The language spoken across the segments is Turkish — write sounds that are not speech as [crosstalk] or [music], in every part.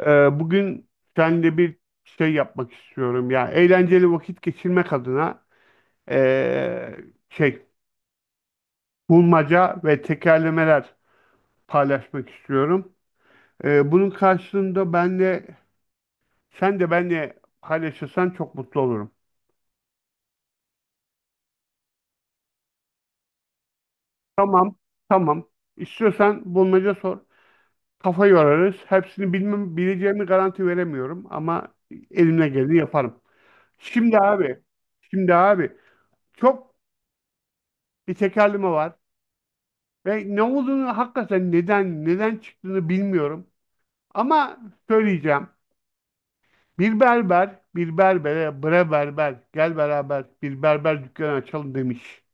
Bugün seninle bir şey yapmak istiyorum. Yani eğlenceli vakit geçirmek adına ee, şey bulmaca ve tekerlemeler paylaşmak istiyorum. Bunun karşılığında ben de sen de benle paylaşırsan çok mutlu olurum. Tamam, tamam. İstiyorsan bulmaca sor. Kafa yorarız. Hepsini bilmem, bileceğimi garanti veremiyorum ama elimle geleni yaparım. Şimdi abi, şimdi abi, çok bir tekerleme var. Ve ne olduğunu hakikaten neden çıktığını bilmiyorum. Ama söyleyeceğim. Bir berber, bir berbere, bre berber, gel beraber bir berber dükkanı açalım demiş.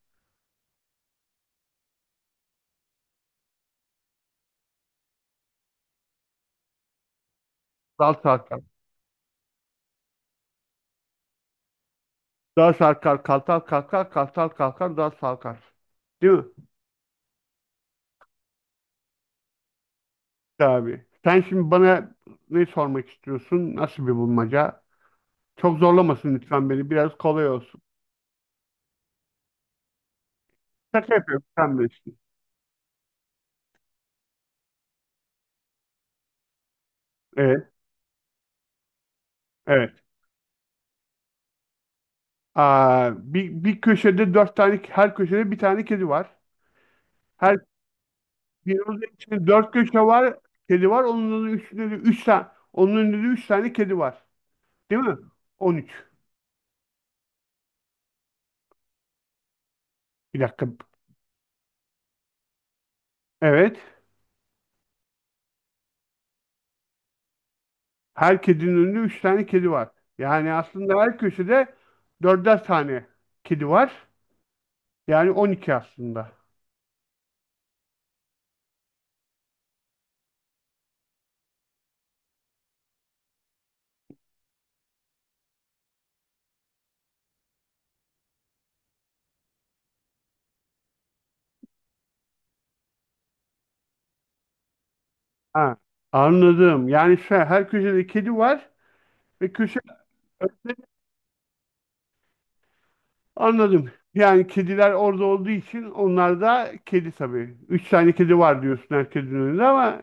Dal sarkar. Dal sarkar, kartal kalkar, kartal kalkar, dal sarkar. Değil mi? Tabii. Sen şimdi bana ne sormak istiyorsun? Nasıl bir bulmaca? Çok zorlamasın lütfen beni. Biraz kolay olsun. Şaka yapıyorum. Sen bilirsin. Evet. Evet. Aa, bir köşede dört tane, her köşede bir tane kedi var. Her Binonun içinde dört köşe var, kedi var. Onun önünde de üç tane kedi var. Değil mi? 13. Bir dakika. Evet. Her kedinin önünde üç tane kedi var. Yani aslında her köşede dörder tane kedi var. Yani 12 aslında. Ha, anladım. Yani şu an her köşede kedi var ve köşe anladım. Yani kediler orada olduğu için onlar da kedi tabii. Üç tane kedi var diyorsun her kedinin önünde ama.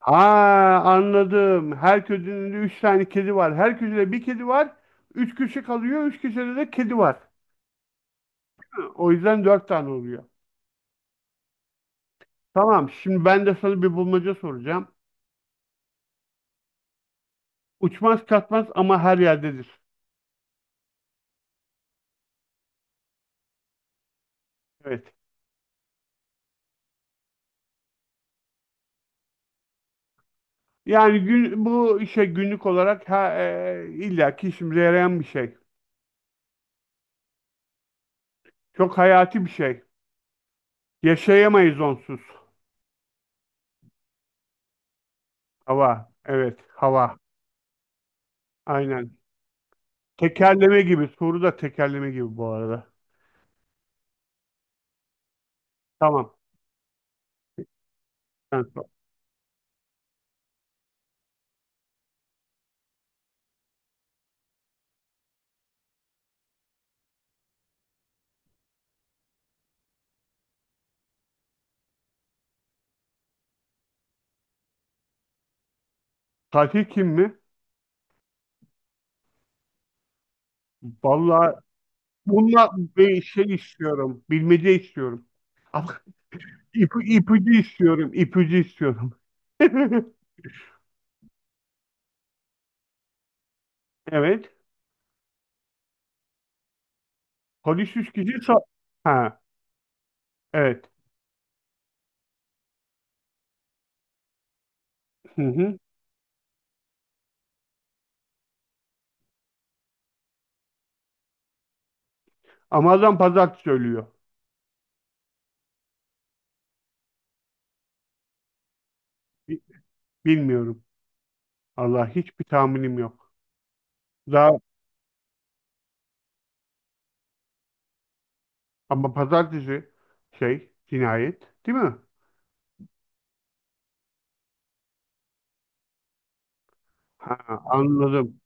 Aa, anladım. Her köşede üç tane kedi var. Her köşede bir kedi var. Üç köşe kalıyor. Üç köşede de kedi var. O yüzden dört tane oluyor. Tamam. Şimdi ben de sana bir bulmaca soracağım. Uçmaz kaçmaz ama her yerdedir. Evet. Yani bu işe günlük olarak illaki işimize yarayan bir şey. Çok hayati bir şey. Yaşayamayız onsuz. Hava. Evet. Hava. Aynen. Tekerleme gibi. Soru da tekerleme gibi bu arada. Tamam. Sen sor. Tatil kim mi? Vallahi bununla bir şey istiyorum. Bilmece istiyorum. Ama ipucu istiyorum. İpucu istiyorum. [laughs] Evet. Polis üç kişi sa-. Ha, evet. Hı hı. Ama adam pazartesi ölüyor. Bi- Bilmiyorum. Allah hiçbir tahminim yok. Daha ama pazartesi şey cinayet değil mi? Ha, anladım.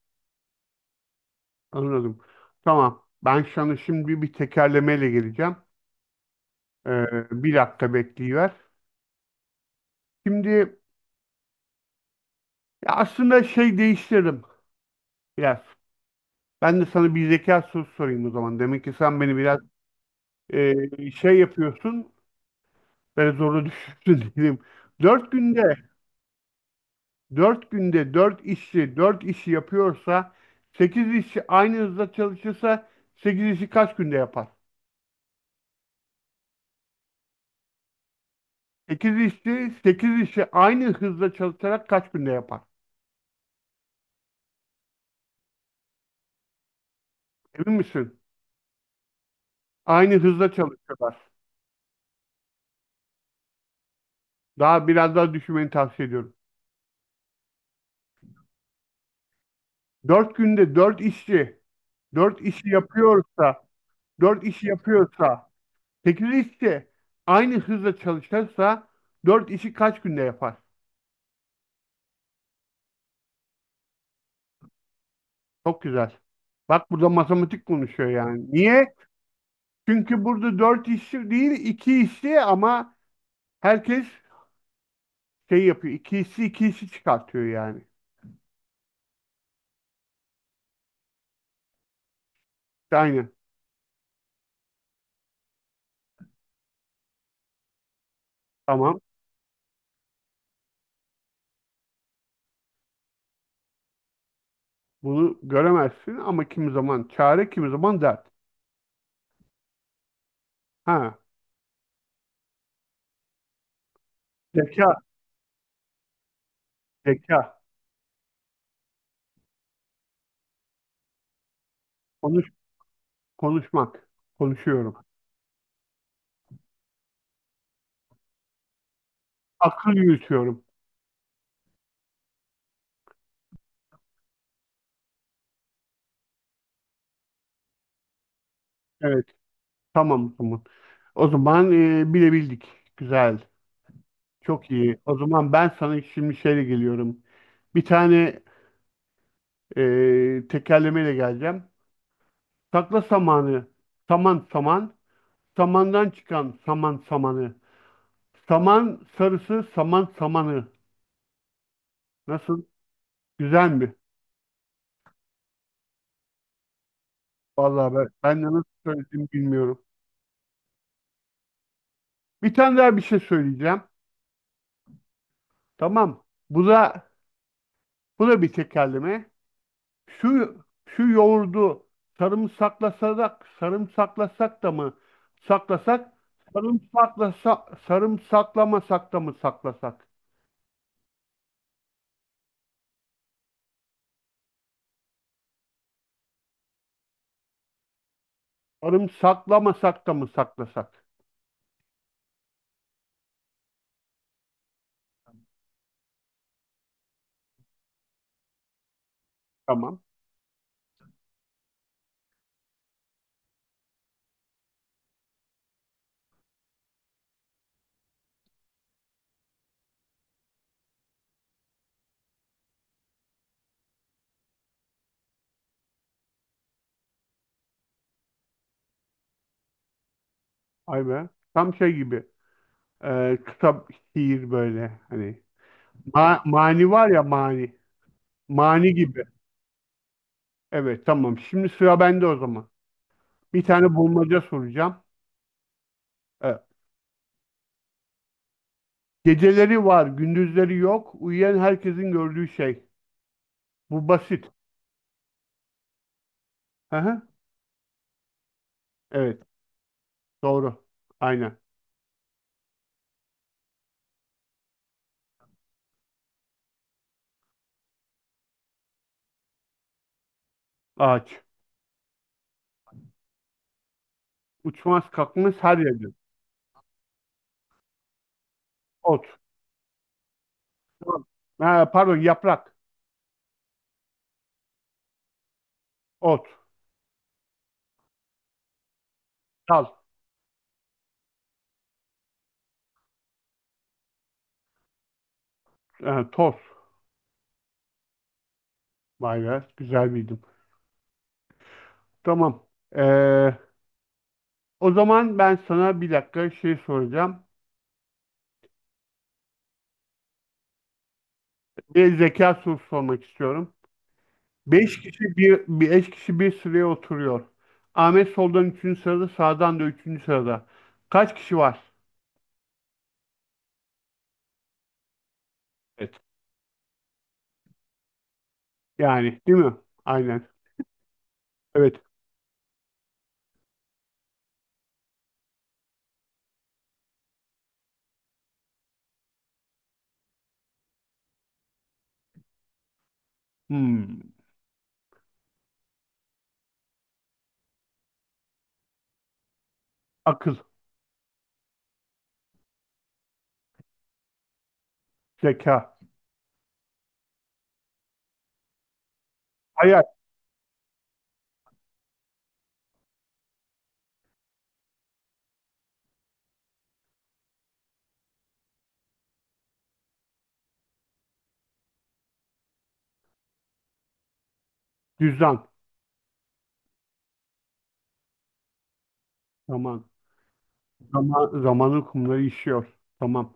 Anladım. Tamam. Ben sana şimdi bir tekerlemeyle geleceğim. Ee, Bir dakika bekleyiver. Şimdi Ya aslında şey değiştirdim biraz. Ben de sana bir zeka sorusu sorayım o zaman. Demek ki sen beni biraz şey yapıyorsun, böyle zorla düşürsün [laughs] diyeyim. Dört günde, dört günde dört işçi, dört işi yapıyorsa, sekiz işçi aynı hızda çalışırsa, sekiz işi kaç günde yapar? Sekiz işçi, sekiz işi aynı hızda çalışarak kaç günde yapar? Emin misin? Aynı hızda çalışıyorlar. Daha biraz daha düşünmeni tavsiye ediyorum. Dört günde dört işçi dört işi yapıyorsa, dört işi yapıyorsa, sekiz işi aynı hızla çalışırsa dört işi kaç günde yapar? Çok güzel. Bak burada matematik konuşuyor yani. Niye? Çünkü burada dört işi değil iki işi ama herkes şey yapıyor. İki işi iki işi çıkartıyor yani. İşte aynı. Tamam. Bunu göremezsin ama kimi zaman çare, kimi zaman dert. Ha. Zeka, zeka. Konuş, konuşmak. Konuşuyorum. Akıl yürütüyorum. Evet. Tamam tamam. O zaman bilebildik. Güzel. Çok iyi. O zaman ben sana şimdi şeyle geliyorum. Bir tane tekerlemeyle geleceğim. Sakla samanı, saman saman, samandan çıkan saman samanı. Saman sarısı, saman samanı. Nasıl? Güzel mi? Vallahi ben de nasıl söylediğimi bilmiyorum. Bir tane daha bir şey söyleyeceğim. Tamam. Bu da bu da bir tekerleme. Şu şu yoğurdu sarımsaklasak sarımsaklasak da mı saklasak sarımsaklasa sarımsaklamasak da mı saklasak? Sarımsaklamasak da mı saklasak? Tamam. Ay be. Tam şey gibi. Kısa şiir böyle hani. Mani var ya mani. Mani gibi. Evet, tamam. Şimdi sıra bende o zaman. Bir tane bulmaca soracağım. Evet. Geceleri var, gündüzleri yok. Uyuyan herkesin gördüğü şey. Bu basit. Aha, evet, doğru. Aynen. Ağaç. Uçmaz kalkmaz her yerde. Ot. Tamam. Ha, pardon, yaprak. Ot. Dal. Ha, toz. Vay be, güzel bildim. Tamam. Ee, O zaman ben sana bir dakika şey soracağım. Bir zeka sorusu sormak istiyorum. Beş kişi bir sıraya oturuyor. Ahmet soldan üçüncü sırada, sağdan da üçüncü sırada. Kaç kişi var? Evet. Yani, değil mi? Aynen. Evet. Hmm. Akıl, zeka, hayal, düzen. Zaman, zaman, zamanın kumları işiyor. Tamam.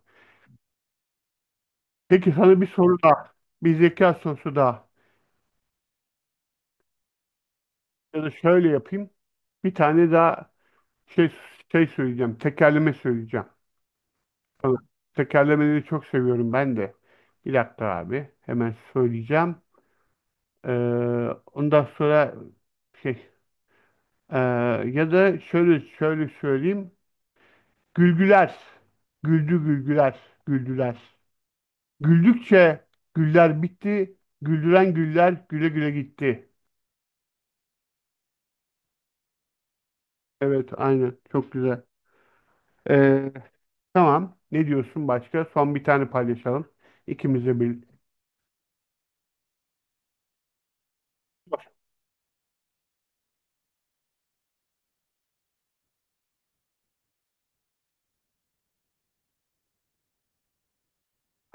Peki sana bir soru daha. Bir zeka sorusu daha. Ya da şöyle yapayım. Bir tane daha şey şey söyleyeceğim. Tekerleme söyleyeceğim. Sana. Tekerlemeleri çok seviyorum ben de. Bir dakika abi. Hemen söyleyeceğim. Ee, ondan sonra şey ee, ya da şöyle söyleyeyim. Gülgüler. Güldü gülgüler. Güldüler. Güldükçe güller bitti. Güldüren güller güle güle gitti. Evet, aynen. Çok güzel. Ee, tamam. Ne diyorsun başka? Son bir tane paylaşalım. İkimize bir.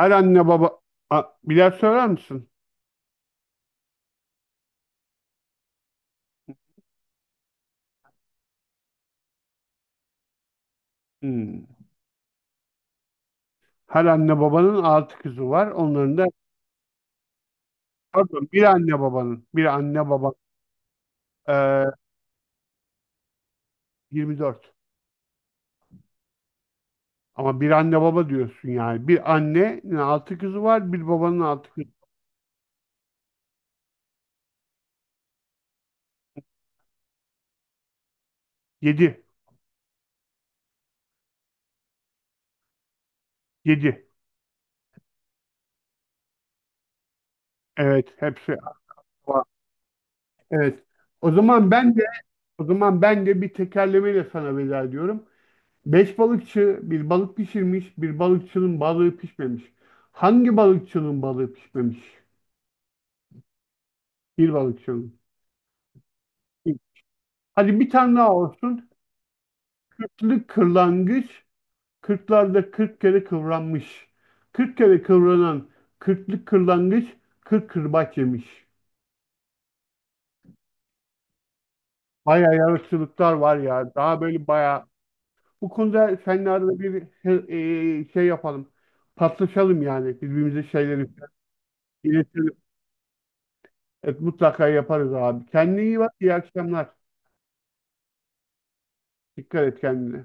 Her anne baba... A, birer söyler misin? Hmm. Her anne babanın altı kızı var. Onların da... Pardon, bir anne babanın. Bir anne baba. Ee, 24. Ama bir anne baba diyorsun yani. Bir annenin altı kızı var. Bir babanın altı kızı. Yedi. Yedi. Evet, hepsi. Evet. O zaman ben de o zaman ben de bir tekerlemeyle sana veda ediyorum. Beş balıkçı bir balık pişirmiş, bir balıkçının balığı pişmemiş. Hangi balıkçının balığı pişmemiş? Bir balıkçının. Hadi bir tane daha olsun. Kırklı kırlangıç, kırklarda kırk kere kıvranmış. Kırk kere kıvranan kırklı kırlangıç, kırk kırbaç yemiş. Bayağı yaratıcılıklar var ya. Daha böyle bayağı. Bu konuda seninle arada bir şey yapalım. Paslaşalım yani birbirimize şeyleri iletelim. Evet, mutlaka yaparız abi. Kendine iyi bak. İyi akşamlar. Dikkat et kendine.